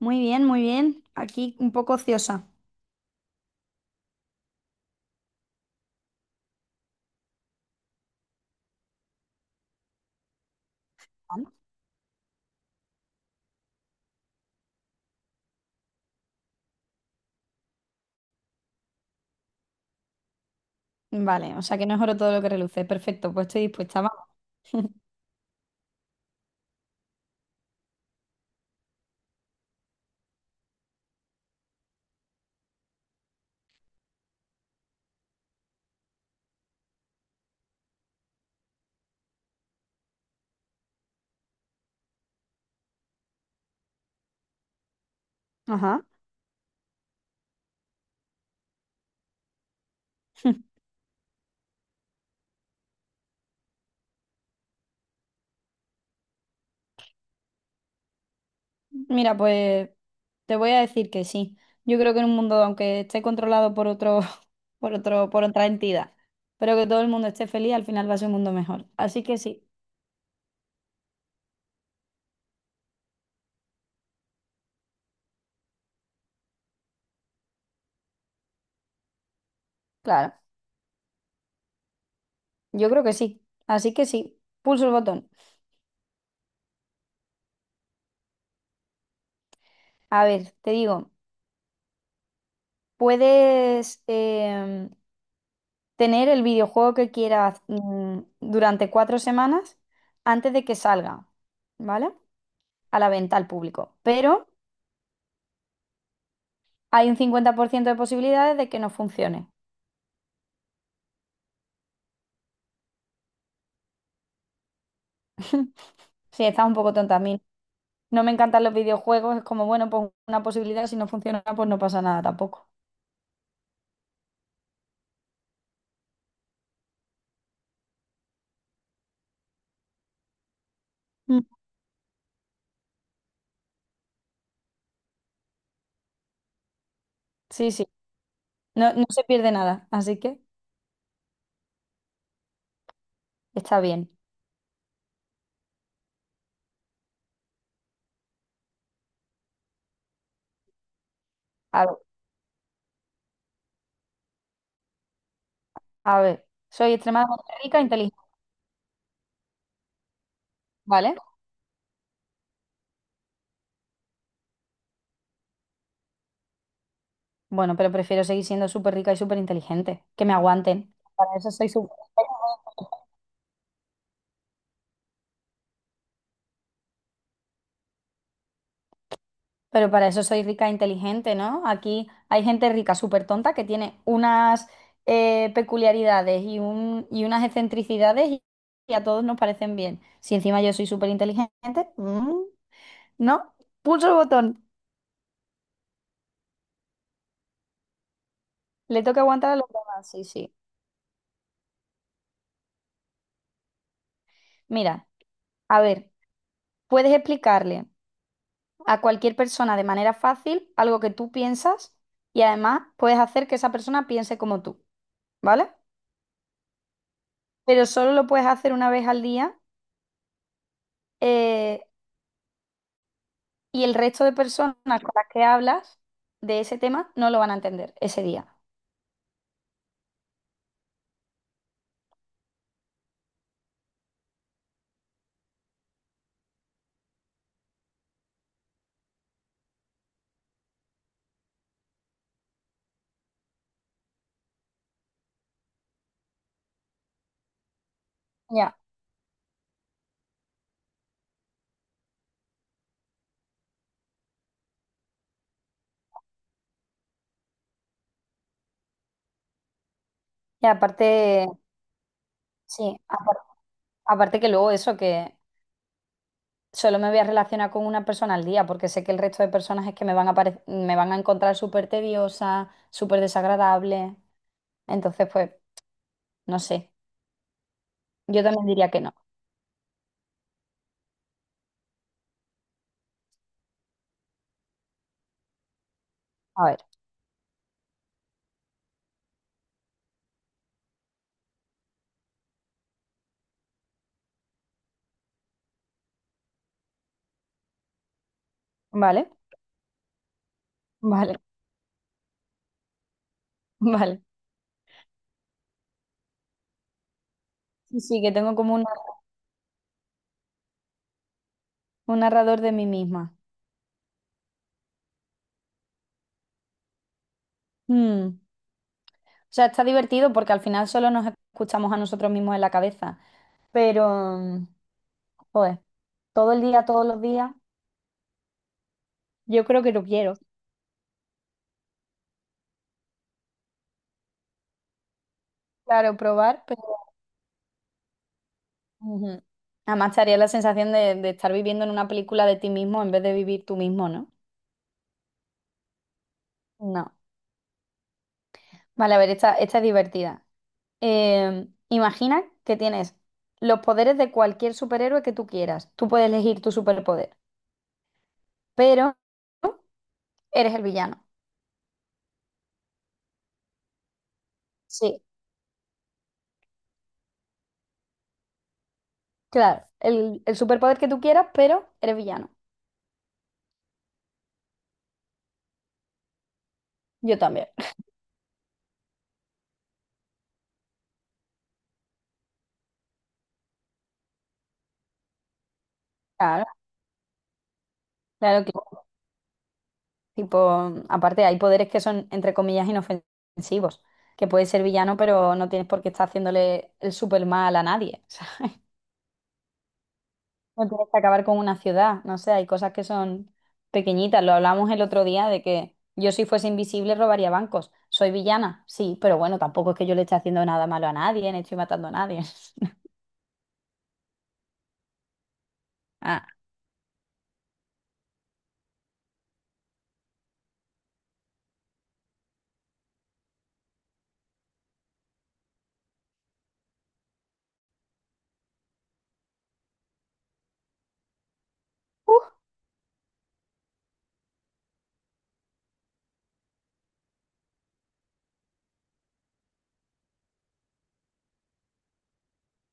Muy bien, muy bien. Aquí un poco ociosa. Vale. Vale, o sea que no es oro todo lo que reluce. Perfecto, pues estoy dispuesta. Vamos. Ajá. Mira, pues te voy a decir que sí. Yo creo que en un mundo, aunque esté controlado por otro, por otro, por otra entidad, pero que todo el mundo esté feliz, al final va a ser un mundo mejor. Así que sí, claro, yo creo que sí. Así que sí, pulso el botón. A ver, te digo. Puedes tener el videojuego que quieras durante 4 semanas antes de que salga, ¿vale? A la venta al público. Pero hay un 50% de posibilidades de que no funcione. Sí, estás un poco tonta. A mí no me encantan los videojuegos. Es como, bueno, pues una posibilidad. Si no funciona, pues no pasa nada tampoco. Mm. Sí, sí. No, no se pierde nada. Así que está bien. A ver, a ver. Soy extremadamente rica e inteligente, ¿vale? Bueno, pero prefiero seguir siendo súper rica y súper inteligente. Que me aguanten. Para eso soy su- Pero para eso soy rica e inteligente, ¿no? Aquí hay gente rica súper tonta que tiene unas peculiaridades y, y unas excentricidades y a todos nos parecen bien. Si encima yo soy súper inteligente, ¿no? Pulso el botón. Le toca aguantar a los demás. Sí, sí. Mira, a ver, puedes explicarle a cualquier persona de manera fácil algo que tú piensas y además puedes hacer que esa persona piense como tú. ¿Vale? Pero solo lo puedes hacer una vez al día eh, y el resto de personas con las que hablas de ese tema no lo van a entender ese día. Ya. Y aparte, sí, aparte, que luego eso, que solo me voy a relacionar con una persona al día, porque sé que el resto de personas es que me van a, me van a encontrar súper tediosa, súper desagradable. Entonces, pues, no sé. Yo también diría que no. A ver, ¿vale? Vale, vale. Sí, sí, que tengo como un narrador de mí misma. Mm. O sea, está divertido porque al final solo nos escuchamos a nosotros mismos en la cabeza. Pero, mm, joder, todo el día, todos los días, yo creo que lo quiero. Claro, probar, pero. Ujú. Además, te haría la sensación de estar viviendo en una película de ti mismo en vez de vivir tú mismo, ¿no? No. Vale, a ver, esta es divertida. Imagina que tienes los poderes de cualquier superhéroe que tú quieras. Tú puedes elegir tu superpoder, pero eres el villano. Sí. Claro, el superpoder que tú quieras, pero eres villano. Yo también. Claro, claro, que sí. Tipo, aparte hay poderes que son, entre comillas, inofensivos, que puedes ser villano, pero no tienes por qué estar haciéndole el super mal a nadie. O sea, no tienes que acabar con una ciudad, no sé, hay cosas que son pequeñitas. Lo hablamos el otro día de que yo si fuese invisible robaría bancos. Soy villana, sí, pero bueno, tampoco es que yo le esté haciendo nada malo a nadie, ni estoy matando a nadie. Ah, uh,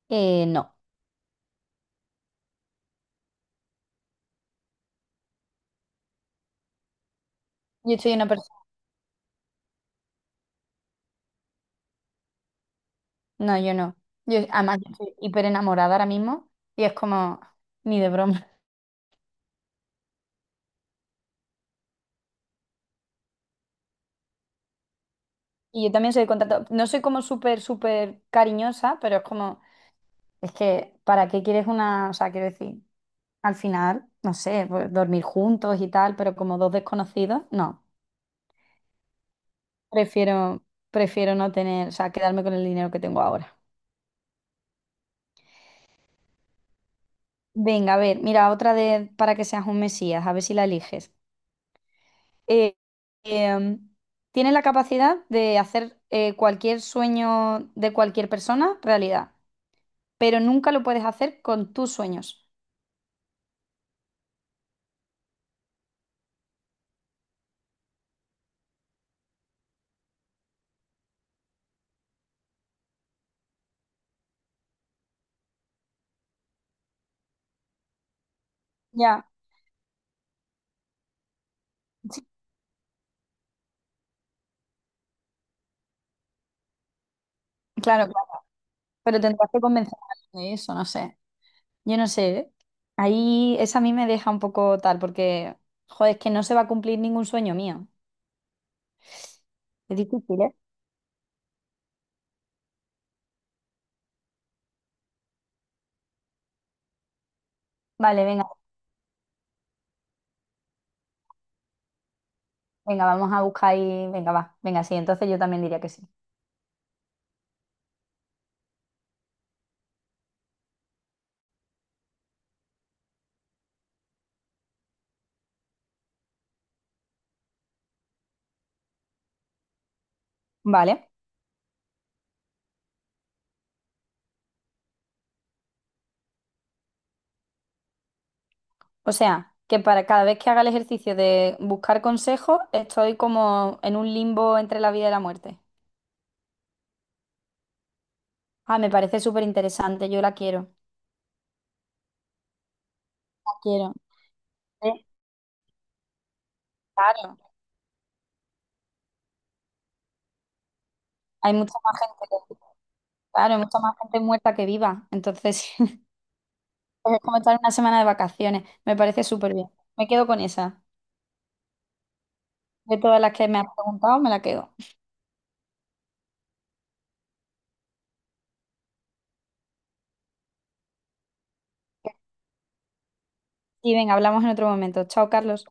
no, yo soy una persona. No, yo no. Yo, además, yo estoy hiper enamorada ahora mismo y es como ni de broma. Y yo también soy de contacto, no soy como súper, súper cariñosa, pero es como, es que, ¿para qué quieres una? O sea, quiero decir, al final, no sé, pues, dormir juntos y tal, pero como dos desconocidos, no. Prefiero, prefiero no tener, o sea, quedarme con el dinero que tengo ahora. Venga, a ver, mira, otra de para que seas un mesías, a ver si la eliges. eh, em, Tiene la capacidad de hacer cualquier sueño de cualquier persona realidad, pero nunca lo puedes hacer con tus sueños. Ya, claro, claro, pero tendrás que convencer a alguien de eso, no sé. Yo no sé, ¿eh? Ahí esa a mí me deja un poco tal, porque, joder, es que no se va a cumplir ningún sueño mío. Es difícil, ¿eh? Vale, venga, venga, vamos a buscar ahí, venga, va, venga, sí, entonces yo también diría que sí. Vale. O sea, que para cada vez que haga el ejercicio de buscar consejos, estoy como en un limbo entre la vida y la muerte. Ah, me parece súper interesante, yo la quiero. La quiero. Sí, claro. Hay mucha más gente, claro, hay mucha más gente muerta que viva. Entonces, pues es como estar en una semana de vacaciones. Me parece súper bien. Me quedo con esa. De todas las que me has preguntado, me la quedo. Y venga, hablamos en otro momento. Chao, Carlos.